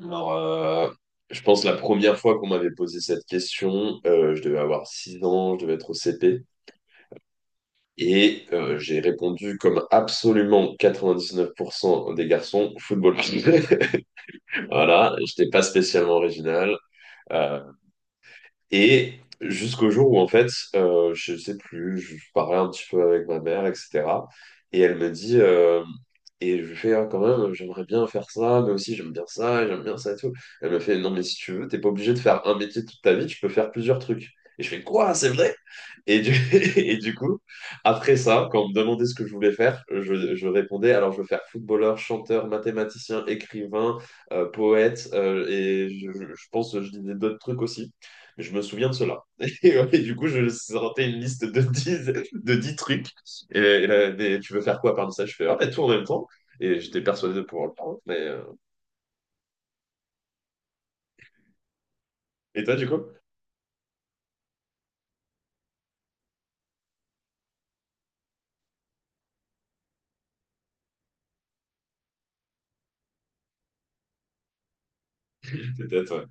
Alors, je pense la première fois qu'on m'avait posé cette question, je devais avoir 6 ans, je devais être au CP. Et j'ai répondu comme absolument 99% des garçons, football. Voilà, j'étais pas spécialement original. Euh, Et jusqu'au jour où, en fait, je sais plus, je parlais un petit peu avec ma mère, etc. Et elle me dit, et je lui fais, ah, quand même, j'aimerais bien faire ça, mais aussi j'aime bien ça et tout. Elle me fait, non, mais si tu veux, t'es pas obligé de faire un métier toute ta vie, tu peux faire plusieurs trucs. Et je fais, quoi, c'est vrai? Et du, et du coup, après ça, quand on me demandait ce que je voulais faire, je répondais, alors je veux faire footballeur, chanteur, mathématicien, écrivain, poète, et je pense que je disais d'autres trucs aussi, mais je me souviens de cela. Et, ouais, et du coup, je sortais une liste de dix trucs, et là, mais tu veux faire quoi parmi ça? Je fais, ah, bah, tout en même temps, et j'étais persuadé de pouvoir le faire. Mais. Et toi, du coup? Peut-être, ouais.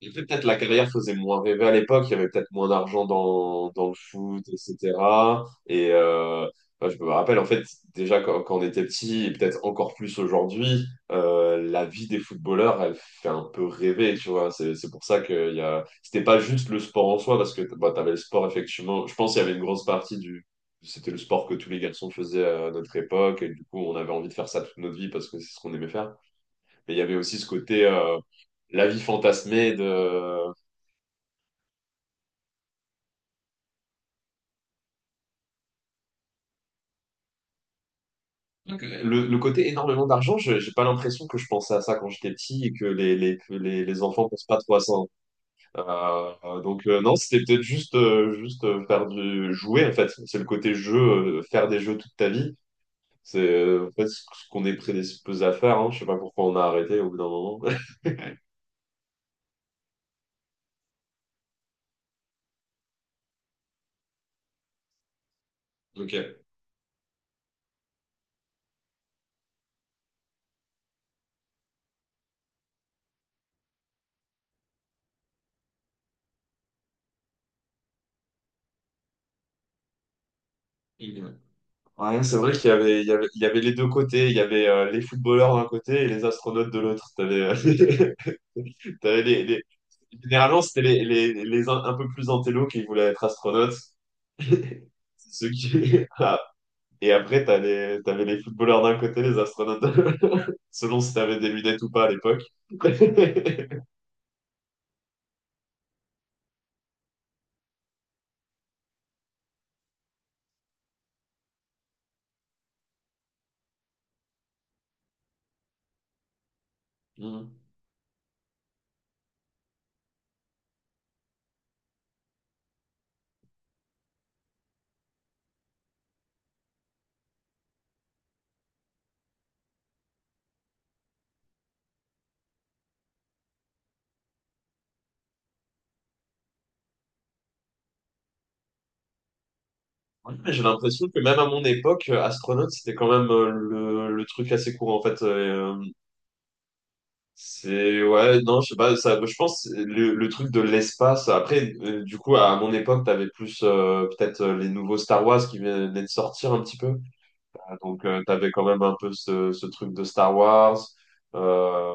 Et fait peut-être la carrière faisait moins rêver à l'époque, il y avait peut-être moins d'argent dans, dans le foot, etc. Et bah, je me rappelle, en fait, déjà quand, quand on était petit, et peut-être encore plus aujourd'hui, la vie des footballeurs, elle fait un peu rêver, tu vois. C'est pour ça que il y a. C'était pas juste le sport en soi, parce que bah, tu avais le sport, effectivement. Je pense qu'il y avait une grosse partie du. C'était le sport que tous les garçons faisaient à notre époque, et du coup, on avait envie de faire ça toute notre vie parce que c'est ce qu'on aimait faire. Mais il y avait aussi ce côté la vie fantasmée de. Donc, le côté énormément d'argent. J'ai pas l'impression que je pensais à ça quand j'étais petit et que les enfants pensent pas trop à ça, hein. Donc non, c'était peut-être juste faire du jouer en fait. C'est le côté jeu, faire des jeux toute ta vie. C'est en fait ce qu'on est prédisposé à faire, hein. Je sais pas pourquoi on a arrêté au bout d'un moment. Ok. Ouais, c'est vrai qu'il y avait, il y avait, il y avait les deux côtés. Il y avait les footballeurs d'un côté et les astronautes de l'autre. T'avais, t'avais Généralement, c'était les un peu plus intello qui voulaient être astronautes. C'est Ceux qui. Ah. Et après, t'avais les footballeurs d'un côté, les astronautes de l'autre, selon si t'avais des lunettes ou pas à l'époque. Hmm. Ouais, mais j'ai l'impression que même à mon époque, astronaute, c'était quand même le truc assez courant. En fait, c'est ouais, non, je sais pas, ça, je pense le truc de l'espace. Après, du coup, à mon époque, t'avais plus peut-être les nouveaux Star Wars qui venaient de sortir un petit peu. Donc, t'avais quand même un peu ce, ce truc de Star Wars. Euh,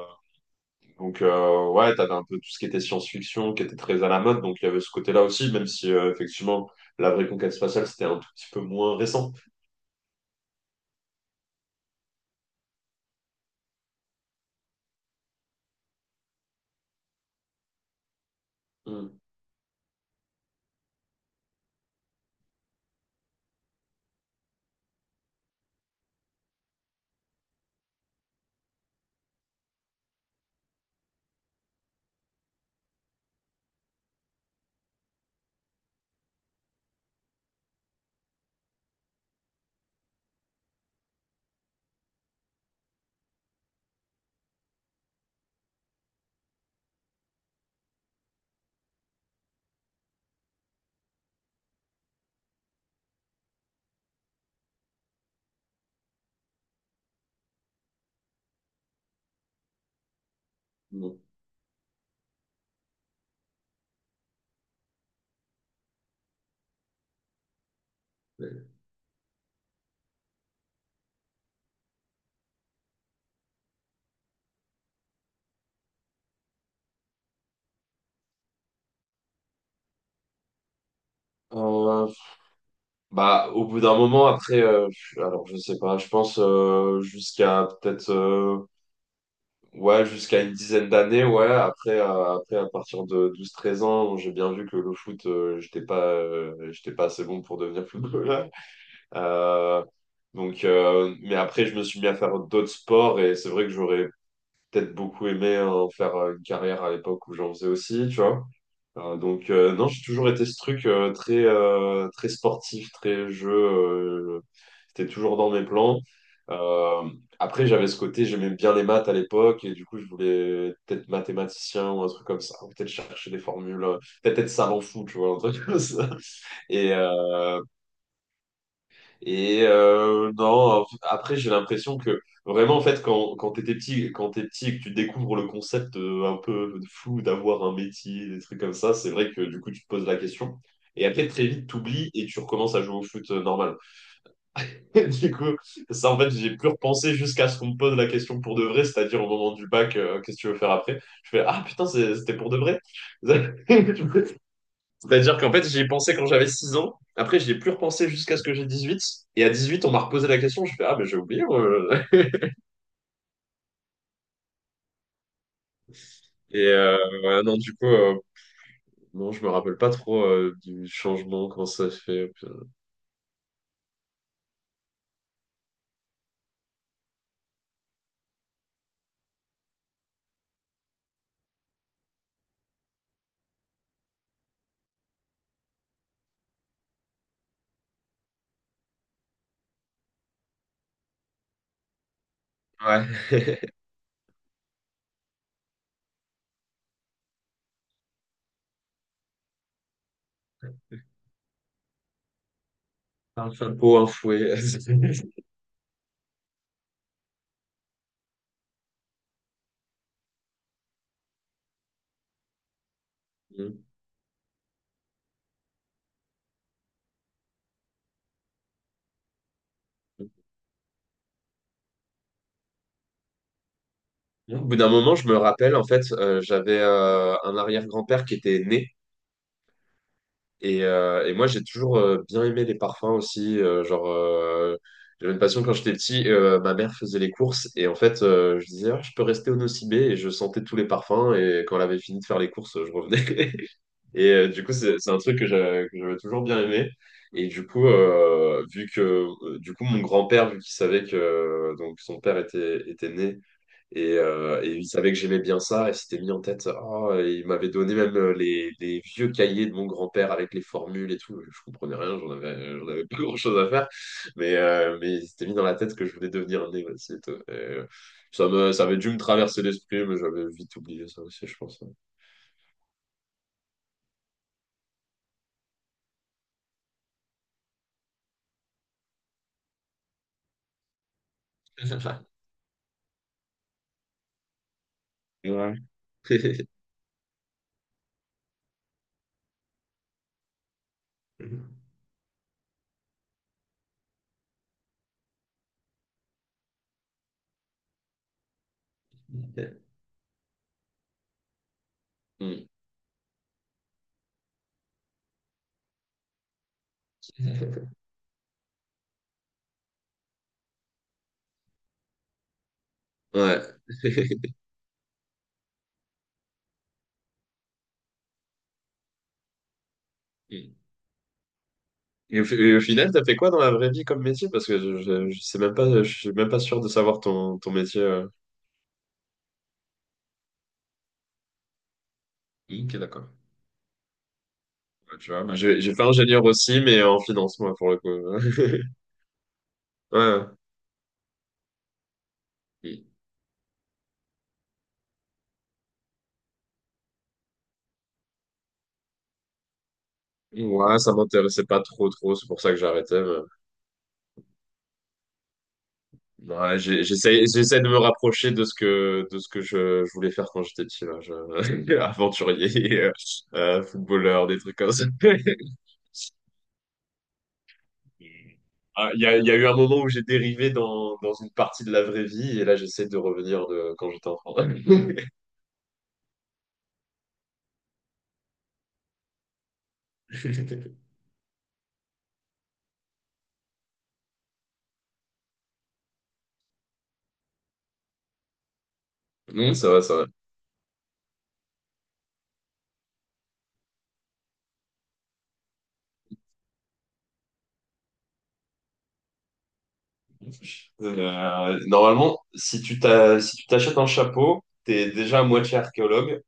donc, ouais, t'avais un peu tout ce qui était science-fiction qui était très à la mode. Donc, il y avait ce côté-là aussi, même si effectivement, la vraie conquête spatiale, c'était un tout petit peu moins récent. Mm, mm. Euh, Bah, au bout d'un moment, après, alors je sais pas, je pense jusqu'à peut-être, ouais, jusqu'à une dizaine d'années, ouais. Après, après, à partir de 12 13 ans, j'ai bien vu que le foot, j'étais pas assez bon pour devenir footballeur. Euh, donc, mais après, je me suis mis à faire d'autres sports et c'est vrai que j'aurais peut-être beaucoup aimé en faire une carrière à l'époque où j'en faisais aussi, tu vois. Donc, non, j'ai toujours été ce truc très sportif, très jeu, c'était toujours dans mes plans. Euh, après, j'avais ce côté, j'aimais bien les maths à l'époque, et du coup, je voulais peut-être mathématicien ou un truc comme ça, ou peut-être chercher des formules, peut-être être savant fou, tu vois, un truc comme ça. Et, euh, et non, après, j'ai l'impression que vraiment, en fait, quand t'es petit et que tu découvres le concept un peu flou d'avoir un métier, des trucs comme ça, c'est vrai que du coup, tu te poses la question. Et après, très vite, t'oublies et tu recommences à jouer au foot normal. Et du coup, ça, en fait, j'ai plus repensé jusqu'à ce qu'on me pose la question pour de vrai, c'est-à-dire au moment du bac, qu'est-ce que tu veux faire après? Je fais, ah putain, c'était pour de vrai. C'est-à-dire qu'en fait, j'y ai pensé quand j'avais 6 ans. Après, j'y ai plus repensé jusqu'à ce que j'ai 18. Et à 18 on m'a reposé la question. Je fais, ah, mais j'ai oublié, moi. Et ouais, non, du coup, non, je me rappelle pas trop du changement, comment ça se fait, putain. Ouais, un chapeau, un fouet. Mm. Au bout d'un moment, je me rappelle, en fait, j'avais un arrière-grand-père qui était né. Et moi, j'ai toujours bien aimé les parfums aussi. Genre, j'avais une passion quand j'étais petit. Ma mère faisait les courses. Et en fait, je disais, ah, je peux rester au Nocibé. Et je sentais tous les parfums. Et quand elle avait fini de faire les courses, je revenais. Et du coup, c'est un truc que j'avais toujours bien aimé. Et du coup, vu que, du coup, mon grand-père, vu qu'il savait que donc son père était, était né et il savait que j'aimais bien ça, et s'était mis en tête, oh, et il m'avait donné même les vieux cahiers de mon grand-père avec les formules et tout. Je comprenais rien, j'en avais pas grand-chose à faire, mais il s'était mis dans la tête que je voulais devenir un néophyte. Et, ça me, ça avait dû me traverser l'esprit, mais j'avais vite oublié ça aussi, je pense. Ouais. Mm. Ouais. Et au final, t'as fait quoi dans la vraie vie comme métier? Parce que je sais même pas, je suis même pas sûr de savoir ton, ton métier. Ok, d'accord. Ouais, tu vois, moi, j'ai fait ingénieur aussi, mais en finance, moi, pour le coup. Ouais. Ouais, ça m'intéressait pas trop, trop. C'est pour ça que j'arrêtais, Ouais, j'essaie, j'essaie de me rapprocher de ce que je voulais faire quand j'étais petit, là. Aventurier, footballeur, des trucs comme ça. Ah, il y a eu un moment où j'ai dérivé dans, dans une partie de la vraie vie, et là, j'essaie de revenir de quand j'étais enfant. Mm, ça va, ça va. Normalement, si tu t'achètes un chapeau, t'es déjà à moitié archéologue.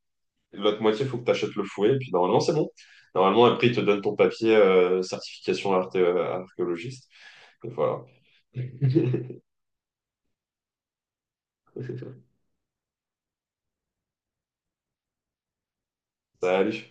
L'autre moitié, faut que t'achètes le fouet. Et puis normalement, c'est bon. Normalement, après, ils te donnent ton papier certification archéologiste. Et voilà. Salut.